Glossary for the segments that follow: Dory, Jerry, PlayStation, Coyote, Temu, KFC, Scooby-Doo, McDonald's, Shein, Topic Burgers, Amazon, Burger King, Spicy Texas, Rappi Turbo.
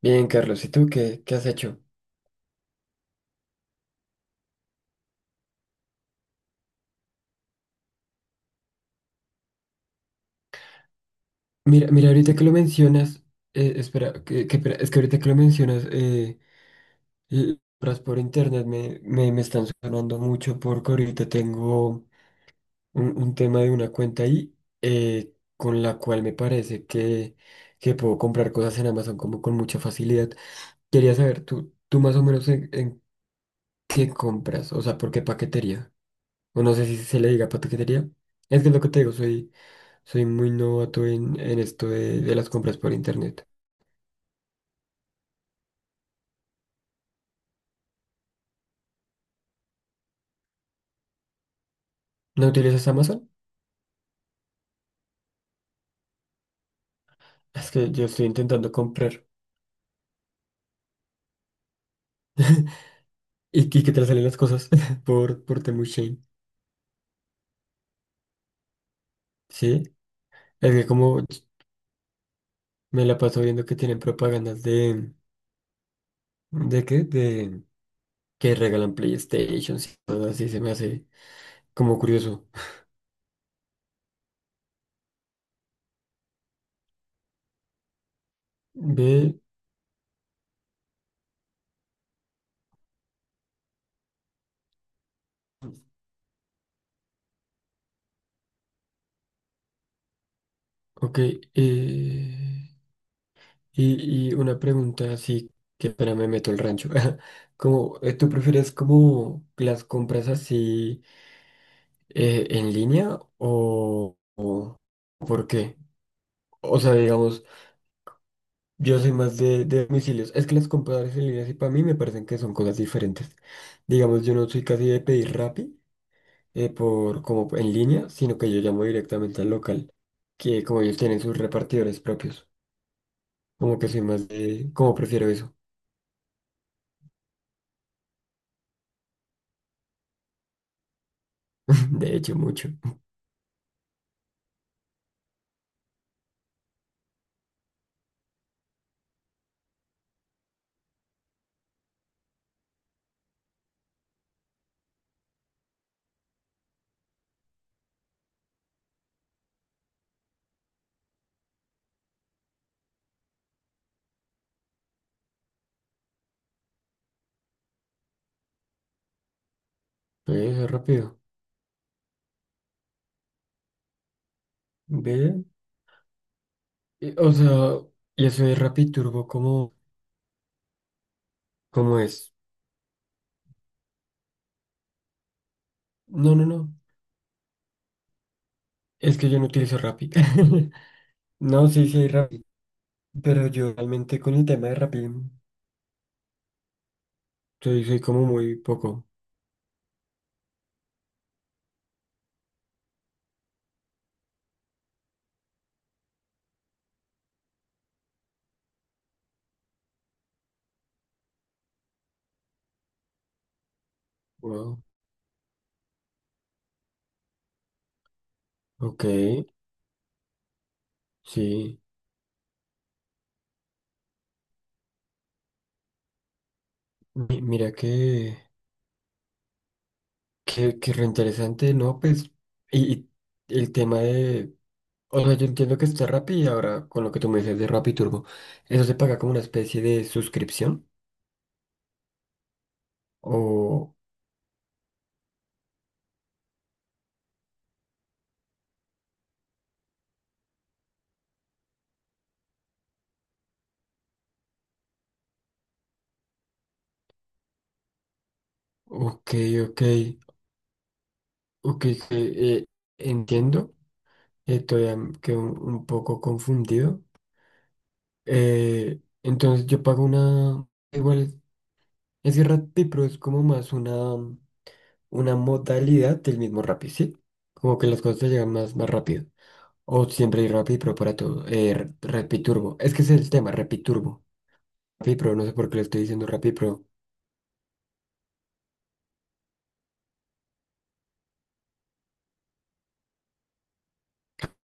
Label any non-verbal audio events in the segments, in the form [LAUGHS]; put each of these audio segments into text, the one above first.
Bien, Carlos, ¿y tú qué, qué has hecho? Mira, mira, ahorita que lo mencionas, espera, que espera, es que ahorita que lo mencionas, compras por internet me están sonando mucho porque ahorita tengo un tema de una cuenta ahí eh, con la cual me parece que puedo comprar cosas en Amazon como con mucha facilidad. Quería saber, tú más o menos en qué compras, o sea, por qué paquetería, o no sé si se le diga paquetería. Es que es lo que te digo, soy... Soy muy novato en esto de las compras por internet. ¿No utilizas Amazon? Es que yo estoy intentando comprar. [LAUGHS] ¿Y, y qué te salen las cosas? [LAUGHS] Por Temu Shein. Sí. Es que como me la paso viendo que tienen propagandas de... ¿De qué? De que regalan PlayStations y todo así. Se me hace como curioso. Ve, ok. Eh, y una pregunta así que para me meto el rancho. [LAUGHS] Como, ¿tú prefieres como las compras así, en línea o por qué? O sea, digamos, yo soy más de domicilios. Es que las compradoras en línea sí para mí me parecen que son cosas diferentes. Digamos, yo no soy casi de pedir Rappi por, como en línea, sino que yo llamo directamente al local, que como ellos tienen sus repartidores propios. Como que soy más de, como prefiero eso. [LAUGHS] De hecho, mucho. Ve, eso es rápido. Ve. O sea, y eso es Rappi Turbo, ¿cómo cómo es? No, no, no. Es que yo no utilizo Rappi. [LAUGHS] No, sí, sí hay Rappi, pero yo realmente con el tema de Rappi soy, soy como muy poco. Wow. Ok, sí. Mira que re interesante, ¿no? Pues, y, y el tema de... O sea, yo entiendo que está Rappi y ahora con lo que tú me dices de Rappi Turbo, ¿eso se paga como una especie de suscripción? O... Ok, ok, ok, que, eh, entiendo. Todavía quedo un poco confundido. Entonces yo pago una, igual es que Rappi, pero es como más una modalidad del mismo Rappi, ¿sí? Como que las cosas te llegan más, más rápido. O siempre hay Rappi, pero para todo. Rappi Turbo. Es que ese es el tema, Rappi Turbo. Rappi Pro, no sé por qué le estoy diciendo Rappi Pro.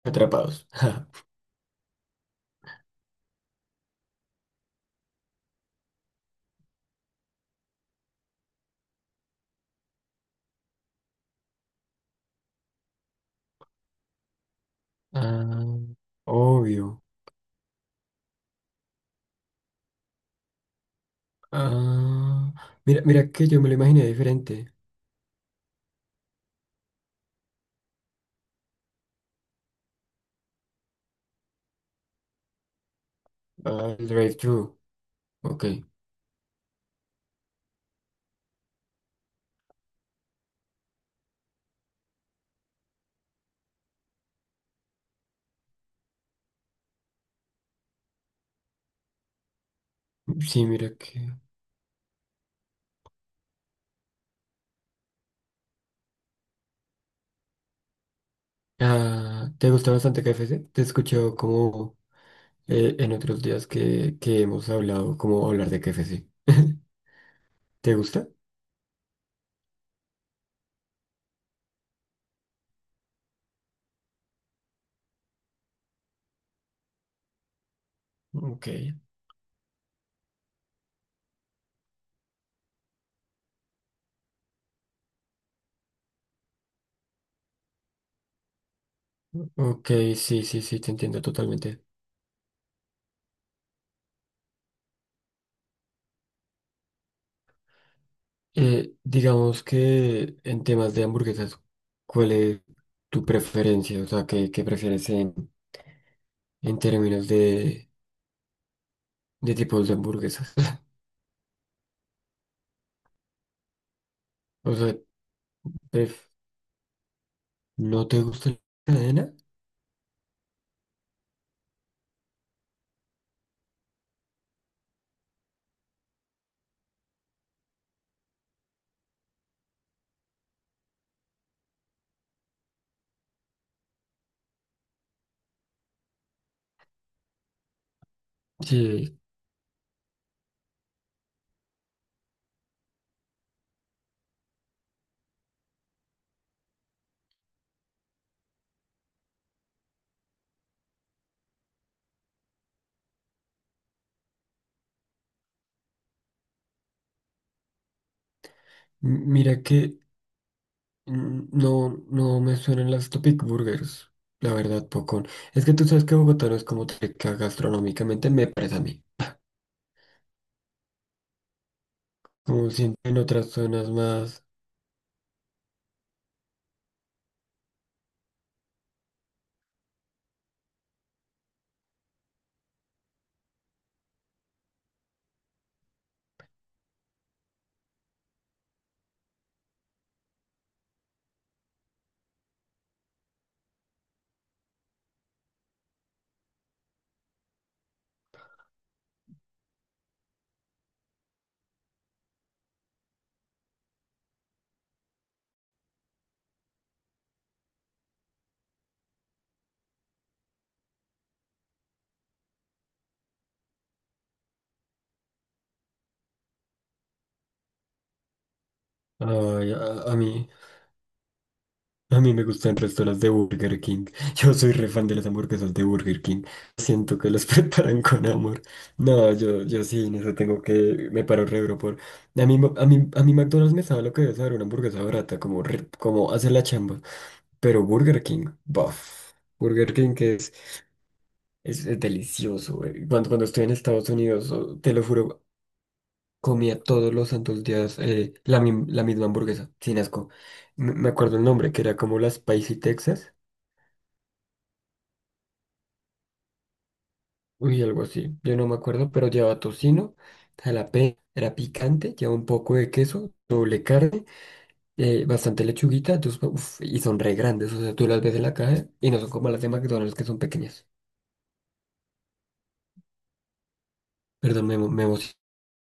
Atrapados. [LAUGHS] Ah, obvio. Ah, mira, mira que yo me lo imaginé diferente. Ah, el drive-thru. Ok. Sí, mira que. Ah, ¿te gusta bastante KFC? Te he escuchado como en otros días que hemos hablado, como hablar de KFC. [LAUGHS] ¿Te gusta? Ok, ok, sí, sí, sí, te entiendo totalmente. Digamos que en temas de hamburguesas, ¿cuál es tu preferencia? O sea, ¿qué, qué prefieres en términos de tipos de hamburguesas? [LAUGHS] O sea, pref- ¿no te gusta la cadena? Sí, mira que mm, no, no me suenan las Topic Burgers, la verdad, poco. Es que tú sabes que Bogotá no es como rica gastronómicamente, me parece a mí. Como siento en otras zonas más, ay, a mí a mí me gustan el resto las de Burger King. [LAUGHS] Yo soy re fan de las hamburguesas de Burger King. Siento que las [LAUGHS] preparan con amor. No, yo sí, en eso tengo que... Me paro re duro por... A mí, a mí, a mí McDonald's me sabe lo que debe saber una hamburguesa barata, como, como hace la chamba. Pero Burger King, buf. Burger King que es delicioso, güey. Cuando estoy en Estados Unidos, oh, te lo juro, comía todos los santos días la misma hamburguesa, sin asco. Me acuerdo el nombre, que era como la Spicy Texas. Uy, algo así, yo no me acuerdo, pero lleva tocino, jalapeño, era picante, lleva un poco de queso, doble carne, bastante lechuguita, entonces, uf, y son re grandes, o sea, tú las ves en la caja y no son como las de McDonald's que son pequeñas. Perdón, me emociona.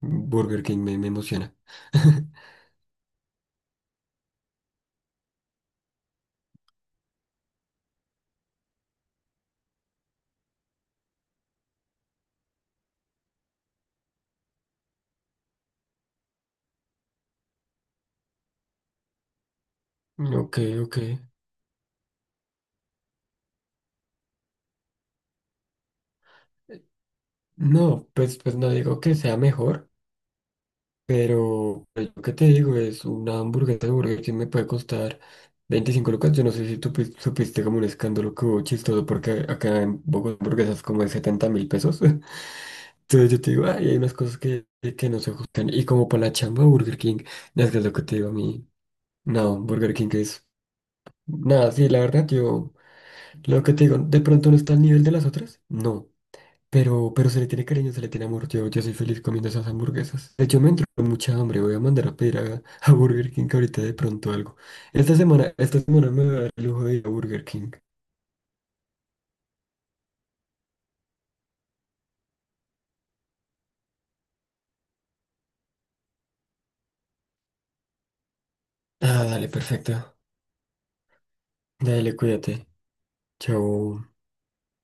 Burger King me emociona. [LAUGHS] Ok, ok. No, pues, pues no digo que sea mejor, pero pues, lo que te digo, es una hamburguesa de Burger King me puede costar 25 lucas. Yo no sé si tú supiste como un escándalo que hubo chistoso porque acá en Bogotá hamburguesas como de 70.000 pesos. [LAUGHS] Entonces yo te digo, ay, hay unas cosas que no se ajustan. Y como para la chamba Burger King, no, es que es lo que te digo a mí. No, Burger King es... Nada, sí, la verdad, yo... Lo que te digo, ¿de pronto no está al nivel de las otras? No. Pero se le tiene cariño, se le tiene amor. Yo soy feliz comiendo esas hamburguesas. De hecho, me entró mucha hambre. Voy a mandar a pedir a, [LAUGHS] a Burger King ahorita de pronto algo. Esta semana me voy a dar el lujo de ir a Burger King. Ah, dale, perfecto. Dale, cuídate. Chao.